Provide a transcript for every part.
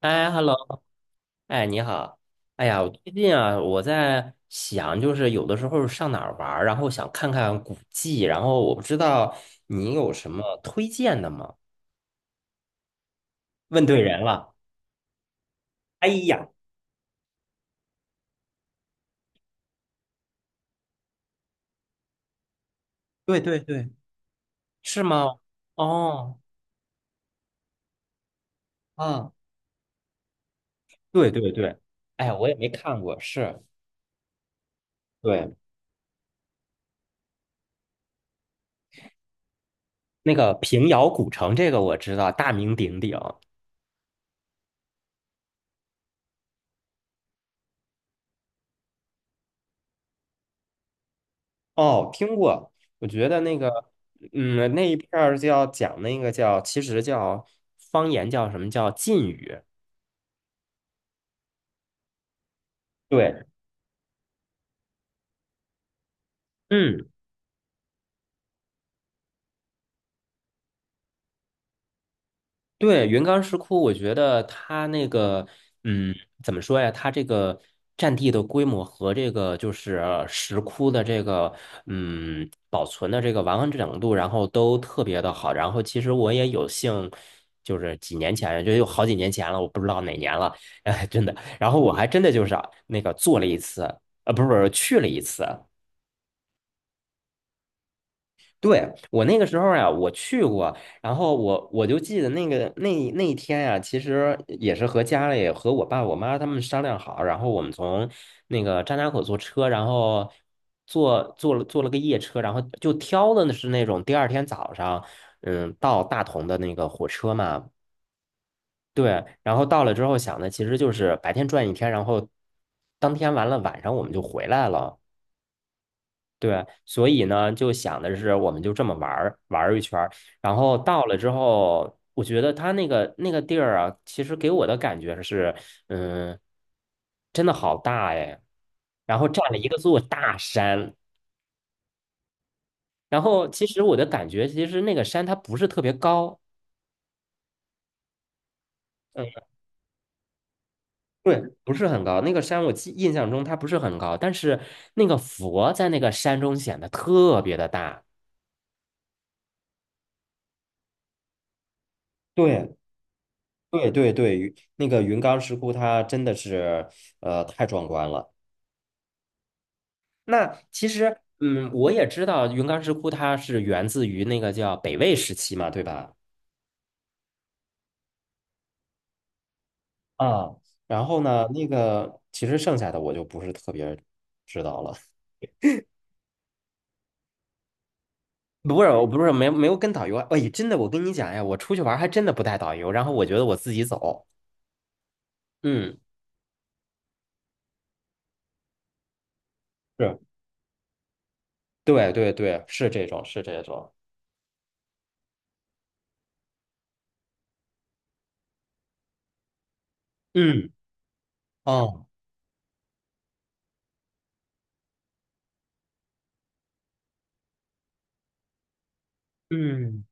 哎，hello，哎，你好。哎呀，我最近啊，我在想，就是有的时候上哪儿玩儿然后想看看古迹，然后我不知道你有什么推荐的吗？问对人了。哎呀，对对对，是吗？哦，啊，对对对，哎呀，我也没看过，是，对，那个平遥古城这个我知道，大名鼎鼎。哦，听过，我觉得那个，嗯，那一片儿叫讲那个叫，其实叫方言叫什么叫晋语，对，嗯。对，云冈石窟，我觉得它那个，嗯，怎么说呀？它这个占地的规模和这个就是石窟的这个，嗯，保存的这个完整度，然后都特别的好。然后其实我也有幸，就是几年前，就有好几年前了，我不知道哪年了，哎，真的。然后我还真的就是啊那个做了一次，不是不是去了一次。对，我那个时候呀，我去过，然后我就记得那个那一天呀，其实也是和家里和我爸我妈他们商量好，然后我们从那个张家口坐车，然后坐了个夜车，然后就挑的是那种第二天早上，嗯，到大同的那个火车嘛，对，然后到了之后想的其实就是白天转一天，然后当天完了晚上我们就回来了。对，所以呢，就想的是，我们就这么玩儿玩儿一圈儿，然后到了之后，我觉得他那个地儿啊，其实给我的感觉是，嗯，真的好大哎，然后占了一个座大山，然后其实我的感觉，其实那个山它不是特别高，嗯，对，不是很高，那个山我记印象中它不是很高，但是那个佛在那个山中显得特别的大，对。对对对，云那个云冈石窟它真的是太壮观了。那其实嗯，我也知道云冈石窟它是源自于那个叫北魏时期嘛，对吧？啊，然后呢，那个其实剩下的我就不是特别知道了。不是，我不是没有跟导游啊。哎，真的，我跟你讲呀，我出去玩儿还真的不带导游，然后我觉得我自己走。嗯，是，对对对，是这种，是这种。嗯，哦，嗯，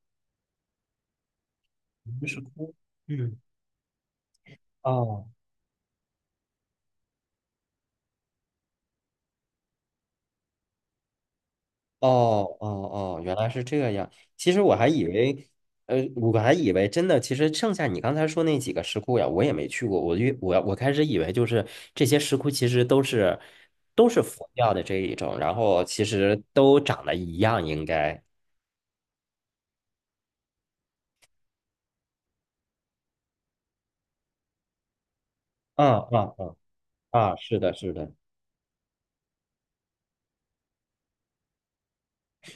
云石窟，嗯，哦。哦哦哦，原来是这样。其实我还以为，我还以为真的，其实剩下你刚才说那几个石窟呀，我也没去过。我越我我开始以为就是这些石窟其实都是佛教的这一种，然后其实都长得一样，应该。嗯嗯嗯，啊，是的，是的。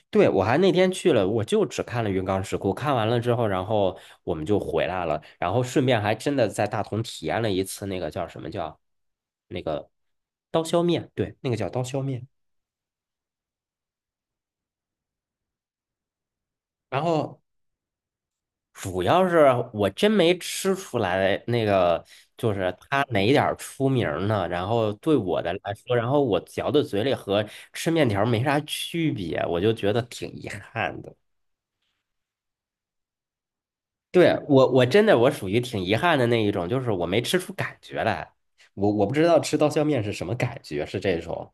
对，我还那天去了，我就只看了云冈石窟，看完了之后，然后我们就回来了，然后顺便还真的在大同体验了一次那个叫什么叫那个刀削面，对，那个叫刀削面。然后主要是我真没吃出来那个就是它哪点儿出名儿呢？然后对我的来说，然后我嚼到嘴里和吃面条儿没啥区别，我就觉得挺遗憾的。对，我真的我属于挺遗憾的那一种，就是我没吃出感觉来，我不知道吃刀削面是什么感觉，是这种。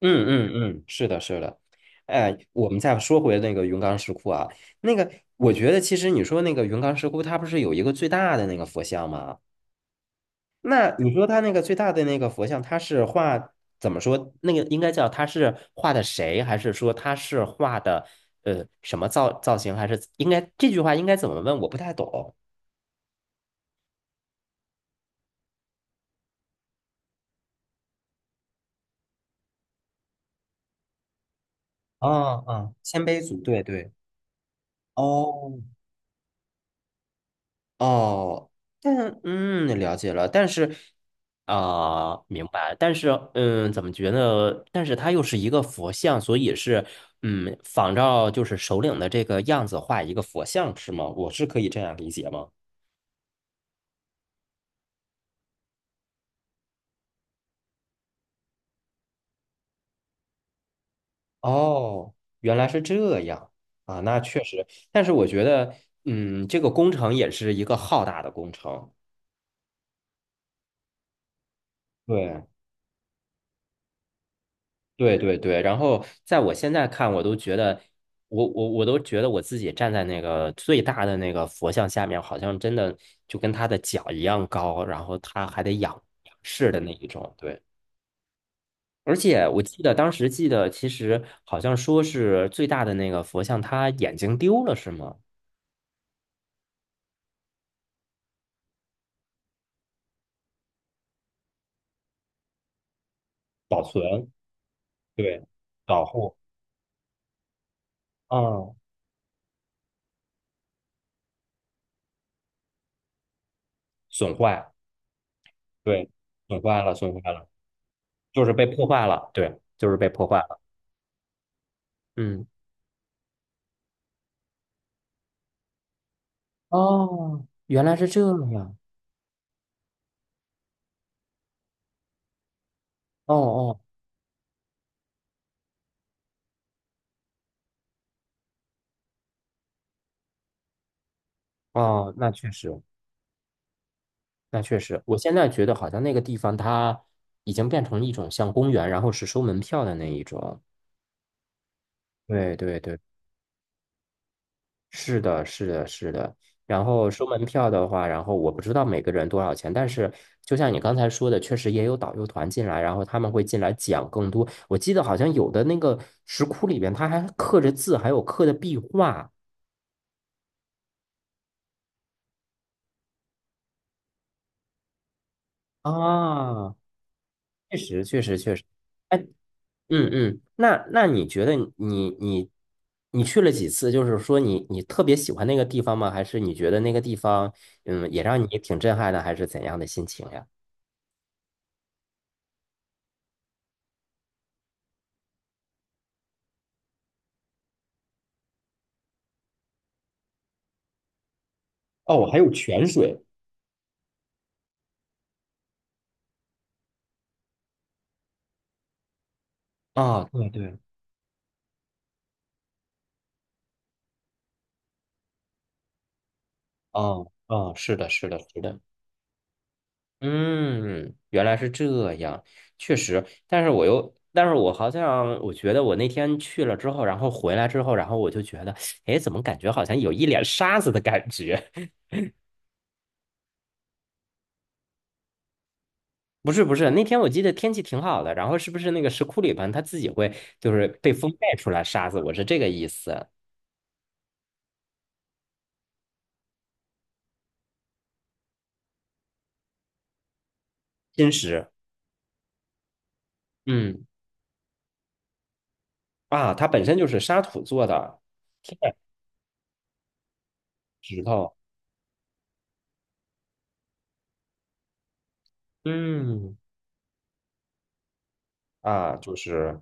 嗯嗯嗯，是的，是的。哎，我们再说回那个云冈石窟啊，那个我觉得其实你说那个云冈石窟，它不是有一个最大的那个佛像吗？那你说它那个最大的那个佛像，它是画怎么说？那个应该叫它是画的谁，还是说它是画的什么造型，还是应该这句话应该怎么问？我不太懂。啊啊，鲜卑族，对对，哦哦，但嗯，了解了，但是啊、明白，但是嗯，怎么觉得？但是它又是一个佛像，所以是嗯，仿照就是首领的这个样子画一个佛像，是吗？我是可以这样理解吗？哦，原来是这样啊，那确实，但是我觉得嗯，这个工程也是一个浩大的工程，对，对对对，然后在我现在看，我都觉得，我都觉得我自己站在那个最大的那个佛像下面，好像真的就跟他的脚一样高，然后他还得仰视的那一种。对，而且我记得当时记得，其实好像说是最大的那个佛像，他眼睛丢了是吗？保存，对，保护，嗯，损坏，对，损坏了，损坏了，就是被破坏了，对，就是被破坏了，嗯。哦，原来是这样。哦哦哦，那确实，那确实，我现在觉得好像那个地方它已经变成一种像公园，然后是收门票的那一种。对对对，是的，是的，是的。然后收门票的话，然后我不知道每个人多少钱，但是就像你刚才说的，确实也有导游团进来，然后他们会进来讲更多。我记得好像有的那个石窟里边，它还刻着字，还有刻的壁画啊，确实，确实，确实。哎，嗯嗯，那你觉得你你去了几次？就是说你特别喜欢那个地方吗？还是你觉得那个地方也让你挺震撼的，还是怎样的心情呀？哦，还有泉水。啊，对对，哦哦，是的，是的，是的，嗯，原来是这样，确实，但是我又，但是我好像，我觉得我那天去了之后，然后回来之后，然后我就觉得，哎，怎么感觉好像有一脸沙子的感觉？不是不是，那天我记得天气挺好的，然后是不是那个石窟里边它自己会就是被风带出来沙子？我是这个意思。金石，嗯啊，它本身就是沙土做的石头，嗯啊，就是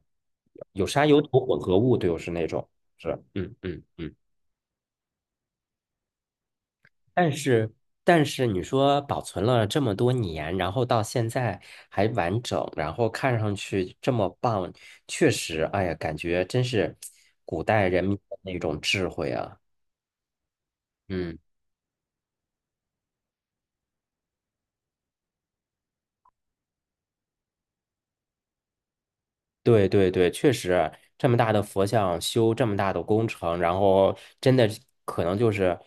有沙有土混合物，就是那种是，嗯嗯嗯。但是，但是你说保存了这么多年，然后到现在还完整，然后看上去这么棒，确实，哎呀，感觉真是古代人民的那种智慧啊。嗯，对对对，确实，这么大的佛像修这么大的工程，然后真的可能就是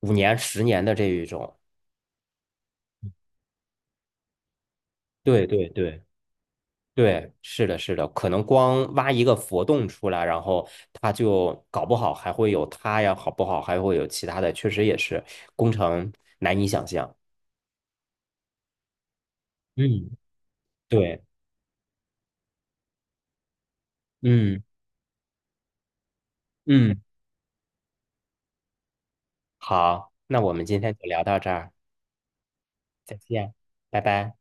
5年、10年的这一种。对对对。对，是的，是的，可能光挖一个佛洞出来，然后它就搞不好还会有它呀，好不好？还会有其他的，确实也是工程难以想象。嗯，对，嗯嗯，好，那我们今天就聊到这儿，再见，拜拜。